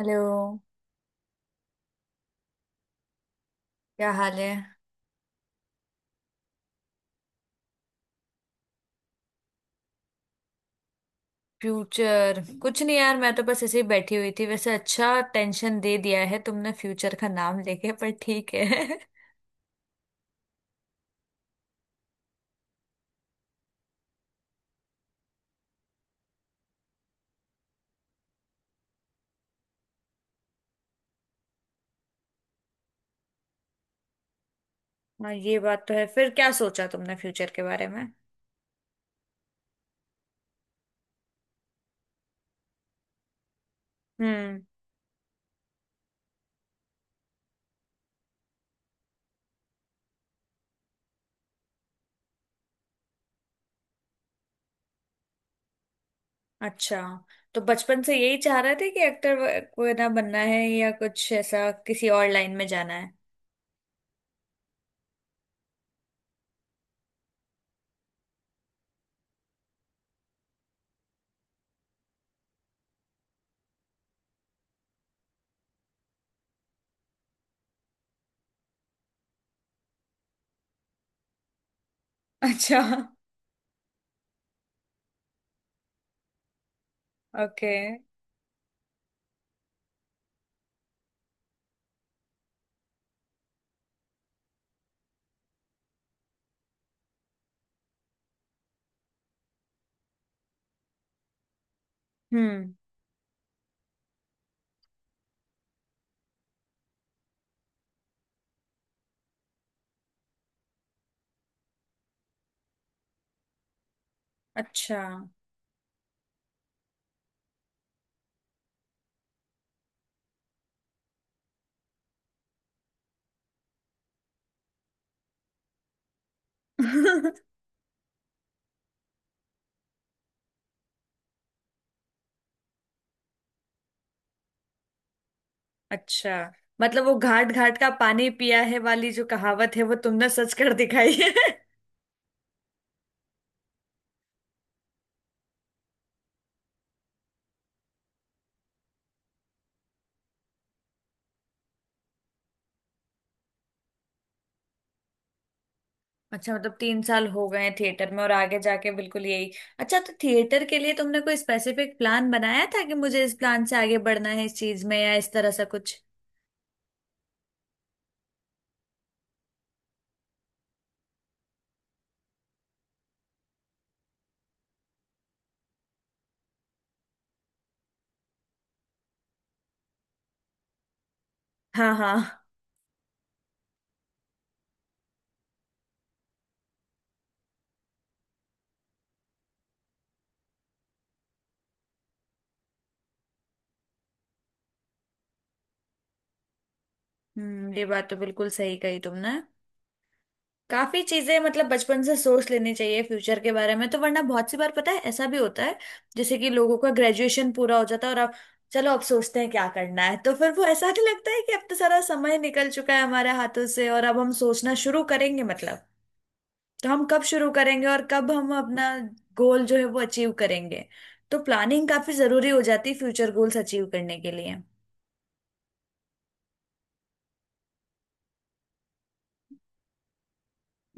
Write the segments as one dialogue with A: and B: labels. A: Hello. क्या हाल है? फ्यूचर कुछ नहीं यार, मैं तो बस ऐसे ही बैठी हुई थी। वैसे अच्छा टेंशन दे दिया है तुमने फ्यूचर का नाम लेके, पर ठीक है। हाँ ये बात तो है। फिर क्या सोचा तुमने फ्यूचर के बारे में? हम्म, अच्छा। तो बचपन से यही चाह रहे थे कि एक्टर वगैरह बनना है, या कुछ ऐसा किसी और लाइन में जाना है? अच्छा। ओके। हम्म। अच्छा। अच्छा, मतलब वो घाट घाट का पानी पिया है वाली जो कहावत है वो तुमने सच कर दिखाई है। अच्छा, मतलब तीन साल हो गए हैं थिएटर में और आगे जाके बिल्कुल यही। अच्छा, तो थिएटर के लिए तुमने कोई स्पेसिफिक प्लान बनाया था कि मुझे इस प्लान से आगे बढ़ना है इस चीज में, या इस तरह सा कुछ? हाँ हाँ। हम्म, ये बात तो बिल्कुल सही कही तुमने। काफी चीजें मतलब बचपन से सोच लेनी चाहिए फ्यूचर के बारे में, तो वरना बहुत सी बार पता है ऐसा भी होता है जैसे कि लोगों का ग्रेजुएशन पूरा हो जाता है और अब चलो अब सोचते हैं क्या करना है, तो फिर वो ऐसा नहीं लगता है कि अब तो सारा समय निकल चुका है हमारे हाथों से और अब हम सोचना शुरू करेंगे। मतलब तो हम कब शुरू करेंगे और कब हम अपना गोल जो है वो अचीव करेंगे? तो प्लानिंग काफी जरूरी हो जाती है फ्यूचर गोल्स अचीव करने के लिए।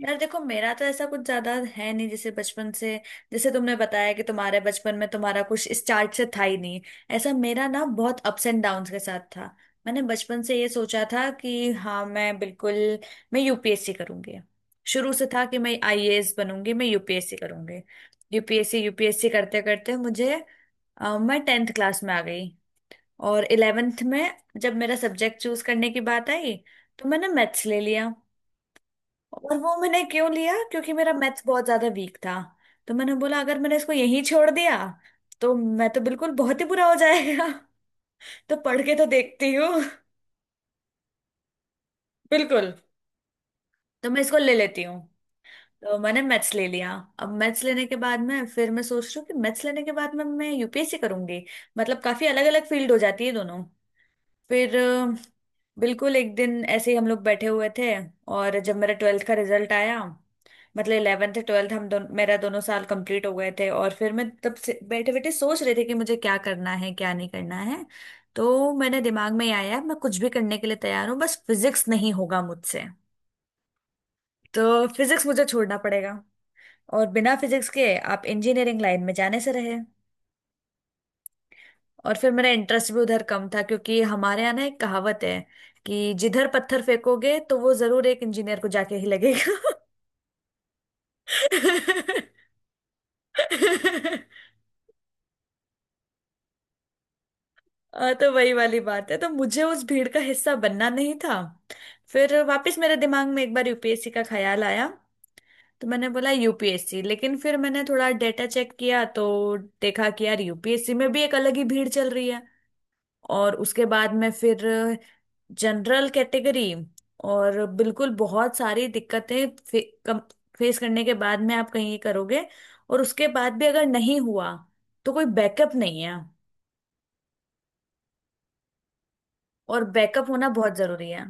A: यार देखो, मेरा तो ऐसा कुछ ज्यादा है नहीं, जैसे बचपन से, जैसे तुमने बताया कि तुम्हारे बचपन में तुम्हारा कुछ स्टार्ट से था ही नहीं, ऐसा मेरा ना बहुत अप्स एंड डाउन्स के साथ था। मैंने बचपन से ये सोचा था कि हाँ, मैं बिल्कुल मैं यूपीएससी करूंगी। शुरू से था कि मैं आईएएस बनूंगी, मैं यूपीएससी करूंगी। यूपीएससी यूपीएससी करते करते मुझे मैं टेंथ क्लास में आ गई। और इलेवेंथ में जब मेरा सब्जेक्ट चूज करने की बात आई तो मैंने मैथ्स ले लिया। और वो मैंने क्यों लिया, क्योंकि मेरा मैथ्स बहुत ज्यादा वीक था। तो मैंने बोला, अगर मैंने इसको यहीं छोड़ दिया तो मैं तो बिल्कुल बहुत ही बुरा हो जाएगा। तो पढ़ के तो देखती हूँ। बिल्कुल, तो मैं इसको ले लेती हूँ। तो मैंने मैथ्स ले लिया। अब मैथ्स लेने के बाद में फिर मैं सोच रही हूँ कि मैथ्स लेने के बाद में मैं यूपीएससी करूंगी, मतलब काफी अलग अलग फील्ड हो जाती है दोनों। फिर बिल्कुल एक दिन ऐसे ही हम लोग बैठे हुए थे और जब मेरा ट्वेल्थ का रिजल्ट आया, मतलब इलेवेंथ ट्वेल्थ हम दोनों मेरा दोनों साल कंप्लीट हो गए थे और फिर मैं तब से बैठे बैठे सोच रहे थे कि मुझे क्या करना है क्या नहीं करना है। तो मैंने दिमाग में आया, मैं कुछ भी करने के लिए तैयार हूँ बस फिजिक्स नहीं होगा मुझसे। तो फिजिक्स मुझे छोड़ना पड़ेगा। और बिना फिजिक्स के आप इंजीनियरिंग लाइन में जाने से रहे। और फिर मेरा इंटरेस्ट भी उधर कम था, क्योंकि हमारे यहाँ ना एक कहावत है कि जिधर पत्थर फेंकोगे तो वो जरूर एक इंजीनियर को जाके ही लगेगा। तो वही वाली बात है, तो मुझे उस भीड़ का हिस्सा बनना नहीं था। फिर वापस मेरे दिमाग में एक बार यूपीएससी का ख्याल आया। तो मैंने बोला यूपीएससी, लेकिन फिर मैंने थोड़ा डेटा चेक किया तो देखा कि यार यूपीएससी में भी एक अलग ही भीड़ चल रही है। और उसके बाद में फिर जनरल कैटेगरी और बिल्कुल बहुत सारी दिक्कतें फेस करने के बाद में आप कहीं ये करोगे और उसके बाद भी अगर नहीं हुआ तो कोई बैकअप नहीं है। और बैकअप होना बहुत जरूरी है।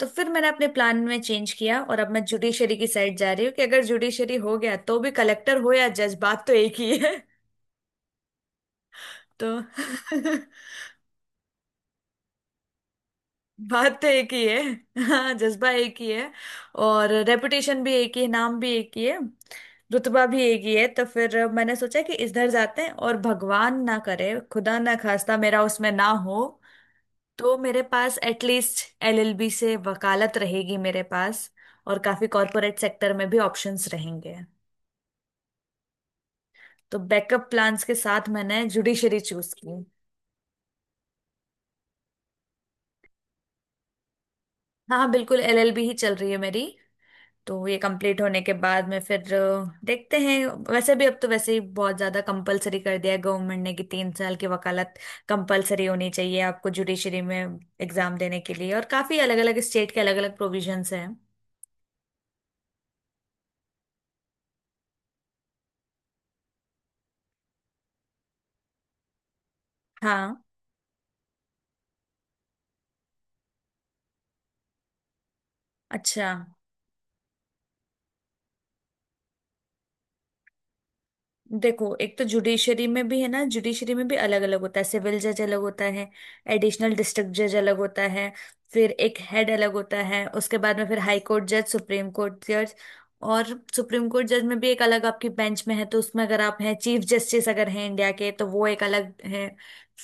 A: तो फिर मैंने अपने प्लान में चेंज किया और अब मैं जुडिशरी की साइड जा रही हूँ कि अगर जुडिशरी हो गया तो भी, कलेक्टर हो या जज बात तो एक ही है। तो बात तो एक ही है। हाँ, जज्बा एक ही है। और रेपुटेशन भी एक ही है, नाम भी एक ही है, रुतबा भी एक ही है। तो फिर मैंने सोचा कि इधर जाते हैं, और भगवान ना करे खुदा ना खास्ता मेरा उसमें ना हो तो मेरे पास एटलीस्ट एलएलबी से वकालत रहेगी मेरे पास। और काफी कॉरपोरेट सेक्टर में भी ऑप्शंस रहेंगे। तो बैकअप प्लान्स के साथ मैंने जुडिशरी चूज की। हाँ बिल्कुल, एलएलबी ही चल रही है मेरी। तो ये कंप्लीट होने के बाद में फिर देखते हैं। वैसे भी अब तो वैसे ही बहुत ज्यादा कंपलसरी कर दिया है गवर्नमेंट ने कि तीन साल की वकालत कंपलसरी होनी चाहिए आपको जुडिशरी में एग्जाम देने के लिए। और काफी अलग अलग स्टेट के अलग अलग प्रोविजंस हैं। हाँ। अच्छा, देखो एक तो जुडिशरी में भी है ना, जुडिशरी में भी अलग अलग होता है। सिविल जज अलग होता है, एडिशनल डिस्ट्रिक्ट जज अलग होता है। फिर एक हेड अलग होता है, उसके बाद में फिर हाई कोर्ट जज, सुप्रीम कोर्ट जज। और सुप्रीम कोर्ट जज में भी एक अलग आपकी बेंच में है, तो उसमें अगर आप हैं चीफ जस्टिस अगर हैं इंडिया के तो वो एक अलग है।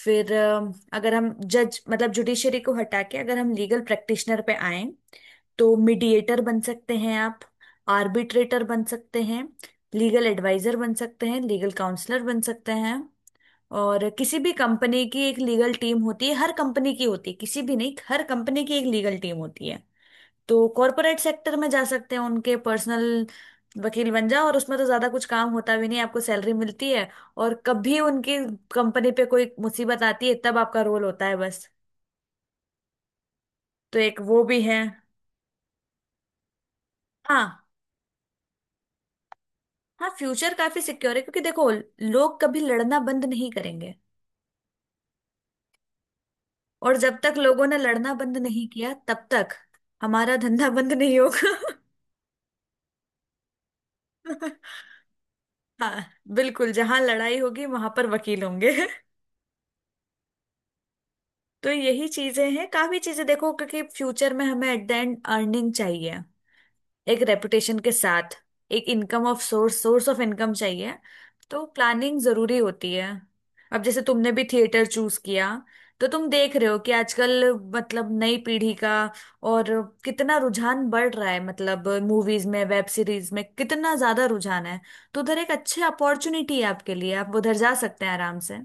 A: फिर अगर हम जज मतलब जुडिशरी को हटा के अगर हम लीगल प्रैक्टिशनर पे आए तो मीडिएटर बन सकते हैं आप, आर्बिट्रेटर बन सकते हैं, लीगल एडवाइजर बन सकते हैं, लीगल काउंसलर बन सकते हैं। और किसी भी कंपनी की एक लीगल टीम होती है, हर कंपनी की होती है, किसी भी नहीं हर कंपनी की एक लीगल टीम होती है। तो कॉरपोरेट सेक्टर में जा सकते हैं उनके पर्सनल वकील बन जाओ, और उसमें तो ज्यादा कुछ काम होता भी नहीं, आपको सैलरी मिलती है और कभी उनकी कंपनी पे कोई मुसीबत आती है तब आपका रोल होता है, बस। तो एक वो भी है। हाँ। हाँ, फ्यूचर काफी सिक्योर है, क्योंकि देखो लोग कभी लड़ना बंद नहीं करेंगे। और जब तक लोगों ने लड़ना बंद नहीं किया तब तक हमारा धंधा बंद नहीं होगा। हाँ, बिल्कुल जहां लड़ाई होगी वहां पर वकील होंगे। तो यही चीजें हैं, काफी चीजें देखो, क्योंकि फ्यूचर में हमें एट द एंड अर्निंग चाहिए एक रेपुटेशन के साथ, एक income of source source of income चाहिए। तो प्लानिंग जरूरी होती है। अब जैसे तुमने भी थिएटर चूज किया, तो तुम देख रहे हो कि आजकल मतलब नई पीढ़ी का और कितना रुझान बढ़ रहा है, मतलब मूवीज में वेब सीरीज में कितना ज्यादा रुझान है। तो उधर एक अच्छी अपॉर्चुनिटी है आपके लिए, आप उधर जा सकते हैं आराम से।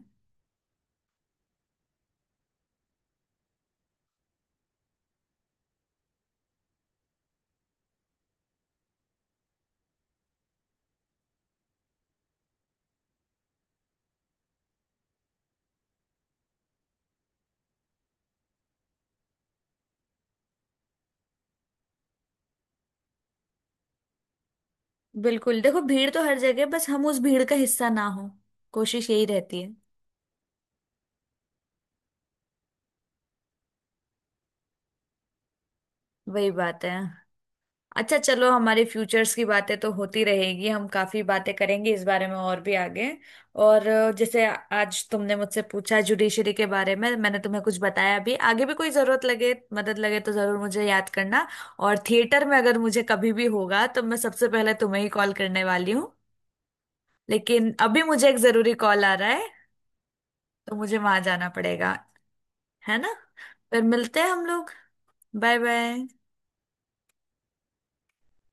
A: बिल्कुल, देखो भीड़ तो हर जगह, बस हम उस भीड़ का हिस्सा ना हो, कोशिश यही रहती है। वही बात है। अच्छा चलो, हमारे फ्यूचर्स की बातें तो होती रहेगी, हम काफी बातें करेंगे इस बारे में और भी आगे। और जैसे आज तुमने मुझसे पूछा जुडिशरी के बारे में, मैंने तुम्हें कुछ बताया भी, आगे भी कोई जरूरत लगे मदद लगे तो जरूर मुझे याद करना। और थिएटर में अगर मुझे कभी भी होगा तो मैं सबसे पहले तुम्हें ही कॉल करने वाली हूँ। लेकिन अभी मुझे एक जरूरी कॉल आ रहा है, तो मुझे वहां जाना पड़ेगा, है ना। फिर मिलते हैं हम लोग। Bye bye.